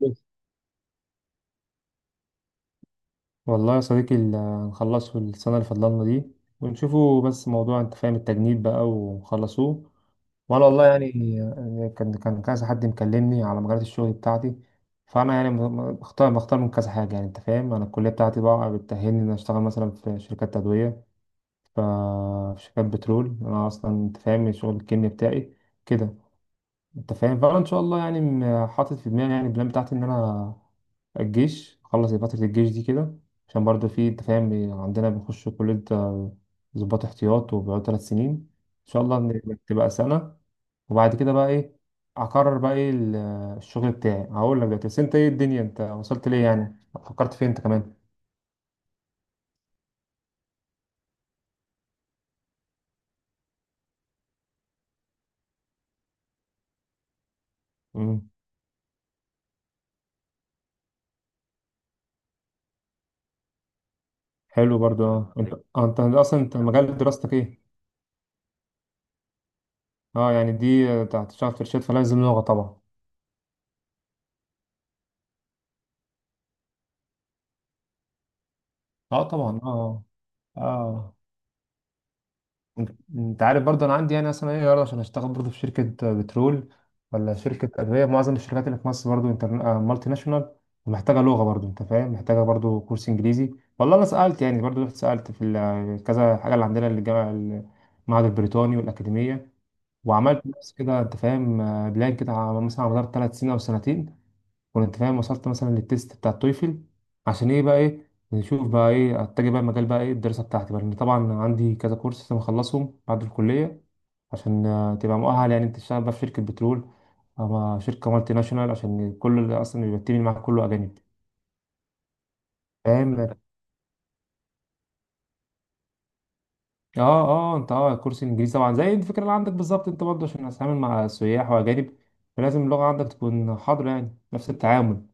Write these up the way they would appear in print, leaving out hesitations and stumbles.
بس. والله يا صديقي هنخلصه السنة اللي فضلنا دي ونشوفوا، بس موضوع انت فاهم التجنيد بقى ونخلصوه. وانا والله يعني كان كذا حد مكلمني على مجالات الشغل بتاعتي. فانا يعني بختار من كذا حاجة، يعني انت فاهم انا الكلية بتاعتي بقى بتأهلني ان أنا اشتغل مثلا في شركات تدوية، ف- في شركات بترول. انا اصلا انت فاهم شغل الكيمياء بتاعي كده. انت فاهم، فانا ان شاء الله يعني حاطط في دماغي يعني البلان بتاعتي ان انا الجيش، اخلص فترة الجيش دي كده، عشان برضه في انت فاهم عندنا بنخش كلية ضباط احتياط وبيقعد ثلاث سنين، ان شاء الله إن تبقى سنة. وبعد كده بقى ايه اقرر بقى ايه الشغل بتاعي. هقول لك دلوقتي، بس انت، ايه الدنيا، انت وصلت ليه؟ يعني فكرت فين انت كمان؟ امم. حلو برضه. اه، انت انت اصلا انت مجال دراستك ايه؟ اه، يعني دي بتاعت تشتغل في شركات، فلازم لغة طبعا. اه طبعا. اه اه. انت انت عارف برضه انا عندي يعني اصلا ايه عرض عشان اشتغل برضه في شركه بترول ولا شركه ادويه. معظم الشركات اللي في مصر برضه انتر... آه، مالتي ناشونال ومحتاجه لغه برضه، انت فاهم، محتاجه برضه كورس انجليزي. والله انا سالت يعني برضه، رحت سالت في كذا حاجه اللي عندنا الجامعه، المعهد البريطاني والاكاديميه، وعملت نفس كده انت فاهم بلان كده مثلا على مدار ثلاث سنين او سنتين. كنت فاهم، وصلت مثلا للتيست بتاع التويفل عشان ايه بقى، ايه نشوف بقى ايه اتجه بقى مجال بقى، ايه الدراسه بتاعتي بقى، لان طبعا عندي كذا كورس لازم اخلصهم بعد الكليه عشان تبقى مؤهل، يعني انت تشتغل بقى في شركه بترول او شركه مالتي ناشونال، عشان كل اللي اصلا بيبقى التيم اللي معاك كله اجانب. فاهم. اه اه. انت، اه، كورس انجليزي طبعا زي الفكره اللي عندك بالظبط، انت برضه عشان هتتعامل مع سياح واجانب، فلازم اللغه عندك تكون حاضره، يعني نفس التعامل.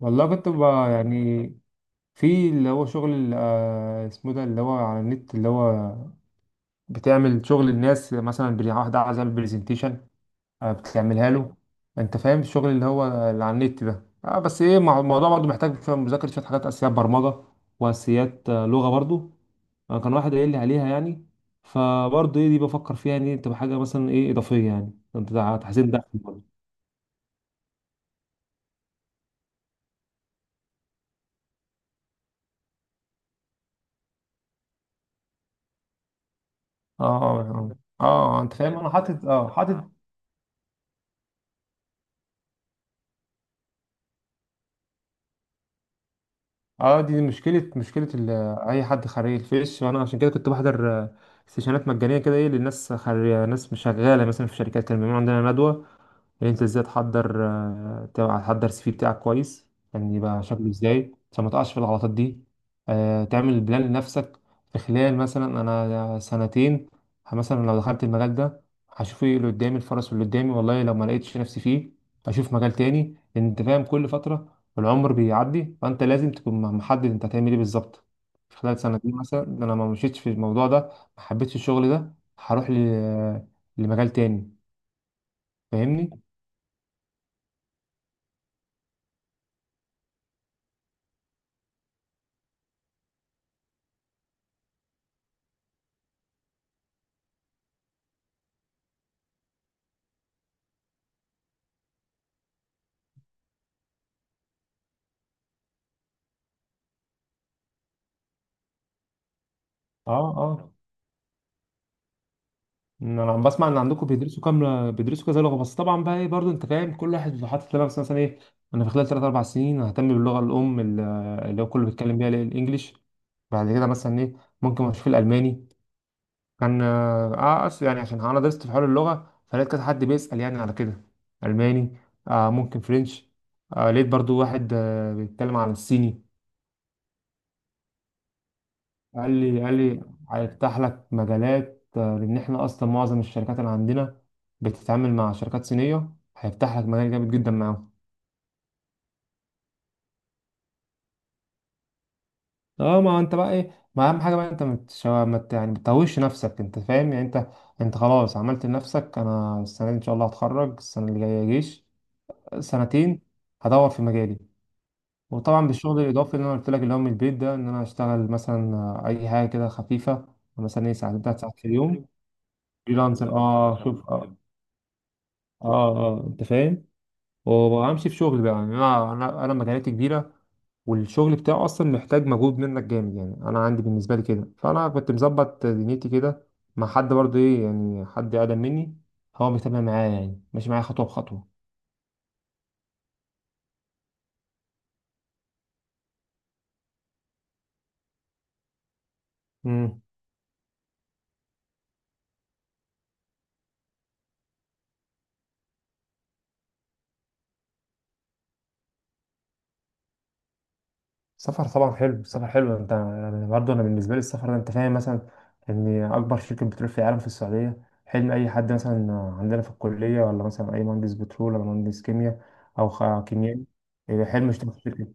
والله كنت بقى يعني في اللي هو شغل اسمه ده، اللي هو على النت، اللي هو بتعمل شغل الناس، مثلا واحد عايز يعمل برزنتيشن بتعملها له. انت فاهم الشغل اللي هو اللي على النت ده، بس ايه الموضوع برضو محتاج شوية مذاكرة، شوية حاجات اساسيات برمجة، واساسيات لغة برضو. كان واحد قايل لي عليها يعني، فبرضو ايه دي بفكر فيها، يعني تبقى حاجة مثلا ايه اضافية، يعني انت تحسين دخل برضو. اه اه اه. انت فاهم انا حاطط، حاطط. اه، دي مشكلة أي حد خريج. الجيش وأنا عشان كده كنت بحضر سيشنات مجانية كده، إيه للناس خريج، ناس مش شغالة مثلا في شركات، كان بيعملوا عندنا ندوة يعني انت ازاي تحضر تحضر السي في بتاعك كويس، يعني يبقى شكله ازاي عشان ما تقعش في الغلطات دي. تعمل بلان لنفسك في خلال مثلا انا سنتين، مثلا لو دخلت المجال ده هشوف ايه اللي قدامي، الفرص اللي قدامي، والله لو ما لقيتش نفسي فيه اشوف مجال تاني، لان انت فاهم كل فترة العمر بيعدي، فانت لازم تكون محدد انت هتعمل ايه بالظبط في خلال سنتين، مثلا إن انا ما مشيتش في الموضوع ده، ما حبيتش الشغل ده، هروح لمجال تاني. فاهمني؟ اه اه. إن انا عم بسمع ان عندكم بيدرسوا كام، بيدرسوا كذا لغه، بس طبعا بقى ايه برضه انت فاهم كل واحد بيبقى حاطط لنفسه مثلا ايه. انا في خلال 3 4 سنين ههتم باللغه الام، اللي هو كله بيتكلم بيها، اللي هي الانجليش. بعد كده مثلا ايه ممكن اشوف الالماني. كان اه آه، اصل يعني عشان انا درست في حوار اللغه، فلقيت كذا حد بيسال يعني على كده الماني. ممكن فرنش. لقيت برضو واحد بيتكلم عن الصيني. قال لي هيفتح لك مجالات، لان احنا اصلا معظم الشركات اللي عندنا بتتعامل مع شركات صينيه، هيفتح لك مجال جامد جدا معاهم. اه، ما انت بقى ايه، ما اهم حاجه بقى انت متش... ما ت- يعني بتتوهش نفسك، انت فاهم، يعني انت خلاص عملت لنفسك. انا السنه دي ان شاء الله هتخرج، السنه اللي جايه جيش سنتين، هدور في مجالي، وطبعا بالشغل الاضافي اللي انا قلت لك، اللي هو من البيت ده، ان انا اشتغل مثلا اي حاجه كده خفيفه، مثلا ايه ساعتين تلات ساعات في اليوم. فريلانسر، اه شوف، اه اه انت فاهم، وامشي في شغل بقى. يعني انا مكانتي كبيره، والشغل بتاعه اصلا محتاج مجهود منك جامد، يعني انا عندي بالنسبه لي كده، فانا كنت مظبط دنيتي كده مع حد برضه ايه، يعني حد اقدم مني هو بيتابع معايا، يعني ماشي معايا خطوه بخطوه. امم. السفر طبعا حلو، السفر حلو. انت، أنا برضه، انا بالنسبه لي السفر ده، انت فاهم، مثلا ان اكبر شركه بترول في العالم في السعوديه حلم اي حد، مثلا عندنا في الكليه، ولا مثلا اي مهندس بترول، ولا مهندس كيمياء، او كيميائي، حلم يشتغل في شركه.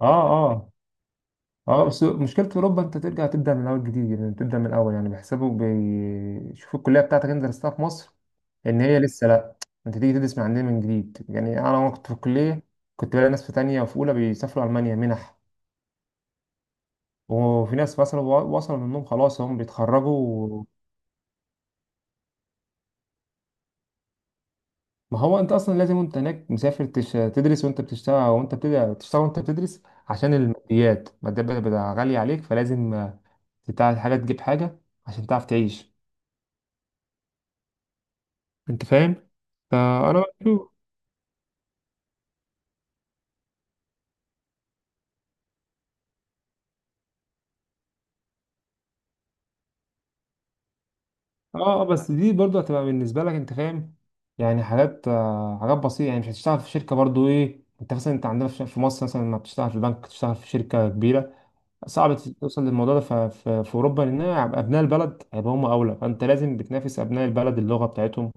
اه اه اه، بس مشكلة أوروبا أنت ترجع تبدأ من الأول جديد، يعني تبدأ من الأول، يعني بيحسبوا، بيشوفوا الكلية بتاعتك أنت درستها في مصر إن هي لسه، لأ، أنت تيجي تدرس من عندنا من جديد. يعني أنا، وأنا كنت في الكلية كنت بلاقي ناس في تانية وفي أولى بيسافروا ألمانيا منح، وفي ناس مثلا وصلوا منهم خلاص هم بيتخرجوا. ما هو أنت أصلا لازم وأنت هناك مسافر تدرس وأنت بتشتغل، وأنت تشتغل وأنت بتدرس، عشان الماديات، الماديات بتبقى غالية عليك، فلازم حاجة تجيب حاجة عشان تعرف تعيش، انت فاهم. فانا بشوف بس دي برضه هتبقى بالنسبه لك، انت فاهم، يعني حاجات، حاجات بسيطه، يعني مش هتشتغل في شركه برضه ايه. انت مثلا، انت عندنا في مصر مثلا، لما بتشتغل في بنك، تشتغل في شركه كبيره، صعب توصل للموضوع ده في اوروبا، لان هيبقى ابناء البلد، هيبقى هم اولى، فانت لازم بتنافس ابناء البلد، اللغه بتاعتهم،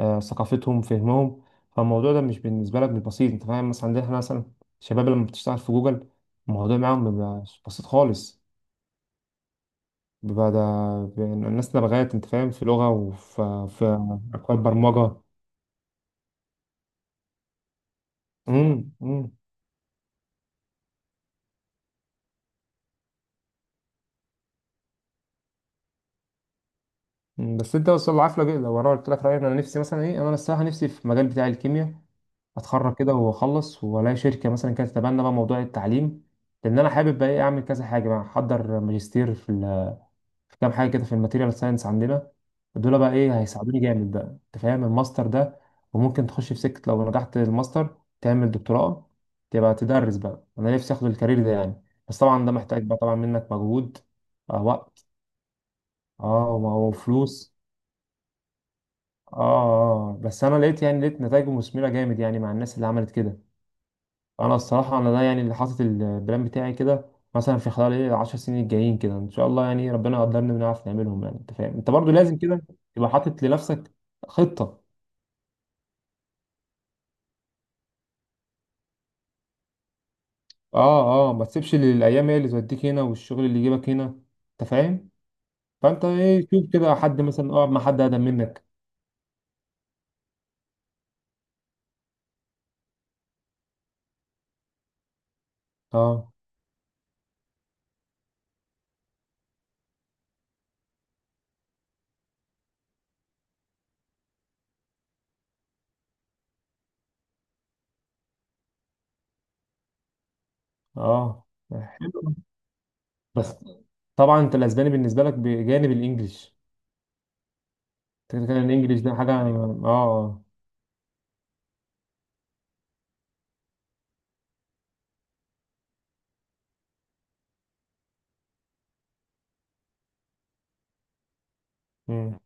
ثقافتهم، فهمهم. فالموضوع ده مش بالنسبه لك مش بسيط، انت فاهم، مثلا عندنا احنا، مثلا الشباب لما بتشتغل في جوجل الموضوع معاهم بيبقى بسيط خالص. بقى ده الناس لغاية انت فاهم في لغة وفي اكواد برمجة. امم. امم. أمم. بس انت وصل العافية بقى، لو انا قلت لك رأيي، انا نفسي مثلا ايه، انا الصراحة نفسي في المجال بتاع الكيمياء، اتخرج كده واخلص والاقي شركة مثلا كانت تتبنى بقى موضوع التعليم، لان انا حابب بقى ايه اعمل كذا حاجة بقى، احضر ماجستير في كام حاجه كده في الماتيريال ساينس عندنا. دول بقى ايه هيساعدوني جامد بقى، انت فاهم، الماستر ده، وممكن تخش في سكه لو نجحت الماستر تعمل دكتوراه، تبقى تدرس بقى. انا نفسي اخد الكارير ده يعني، بس طبعا ده محتاج بقى طبعا منك مجهود، وقت، اه وفلوس. اه اه. آه. بس انا لقيت نتائجه مثمره جامد، يعني مع الناس اللي عملت كده. انا الصراحه، انا ده يعني اللي حاطط البلان بتاعي كده، مثلا في خلال ايه 10 سنين الجايين كده، ان شاء الله يعني ربنا يقدرنا بنعرف نعملهم. يعني انت فاهم، انت برضو لازم كده تبقى حاطط لنفسك خطه. اه اه، ما تسيبش الايام هي اللي توديك هنا، والشغل اللي يجيبك هنا، انت فاهم. فانت ايه، شوف كده حد مثلا، اقعد مع حد اقدم منك. اه اه. حلو، بس طبعا انت الاسباني بالنسبه لك بجانب الانجليش. انت كده كده الانجليش ده حاجه يعني. اه اه. مم.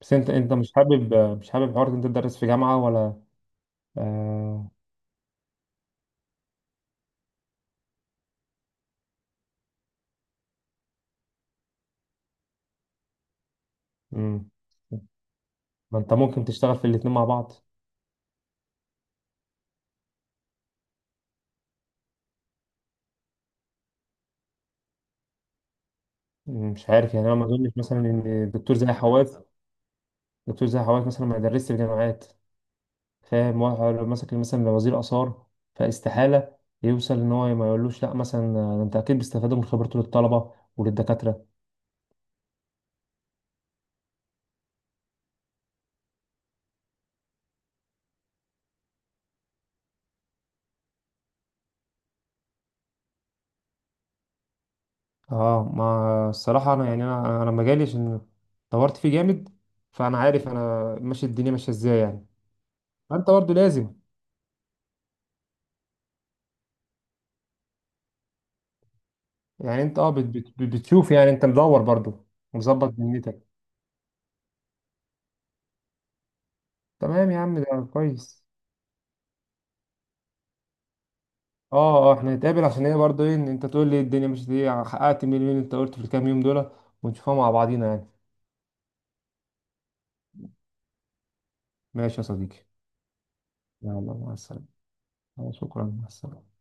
بس انت مش حابب حوار إن انت تدرس في جامعة ولا؟ آه... مم. ما انت ممكن تشتغل في الاتنين مع بعض. مش عارف يعني، انا ما اظنش مثلا ان دكتور زي حواس، دكتور زي حواس مثلا ما يدرسش في جامعات. فاهم، واحد لو مسك مثلا وزير آثار فاستحالة يوصل ان هو ما يقولوش لا. مثلا ده انت اكيد بيستفادوا من خبرته للطلبة وللدكاترة. اه، ما الصراحة انا، يعني انا انا أنا مجالي عشان دورت فيه جامد، فانا عارف انا ماشي، الدنيا ماشية ازاي يعني. فانت برضه لازم، يعني انت بتشوف، يعني انت مدور برضو مظبط دنيتك. تمام يا عم، ده كويس. اه اه، احنا هنتقابل عشان ايه برضو، ايه ان انت تقول لي الدنيا، مش دي حققت، مين انت قلت في الكام يوم دول، ونشوفها مع بعضينا يعني. ماشي يا صديقي. يلا مع السلامة. شكرا، مع السلامة.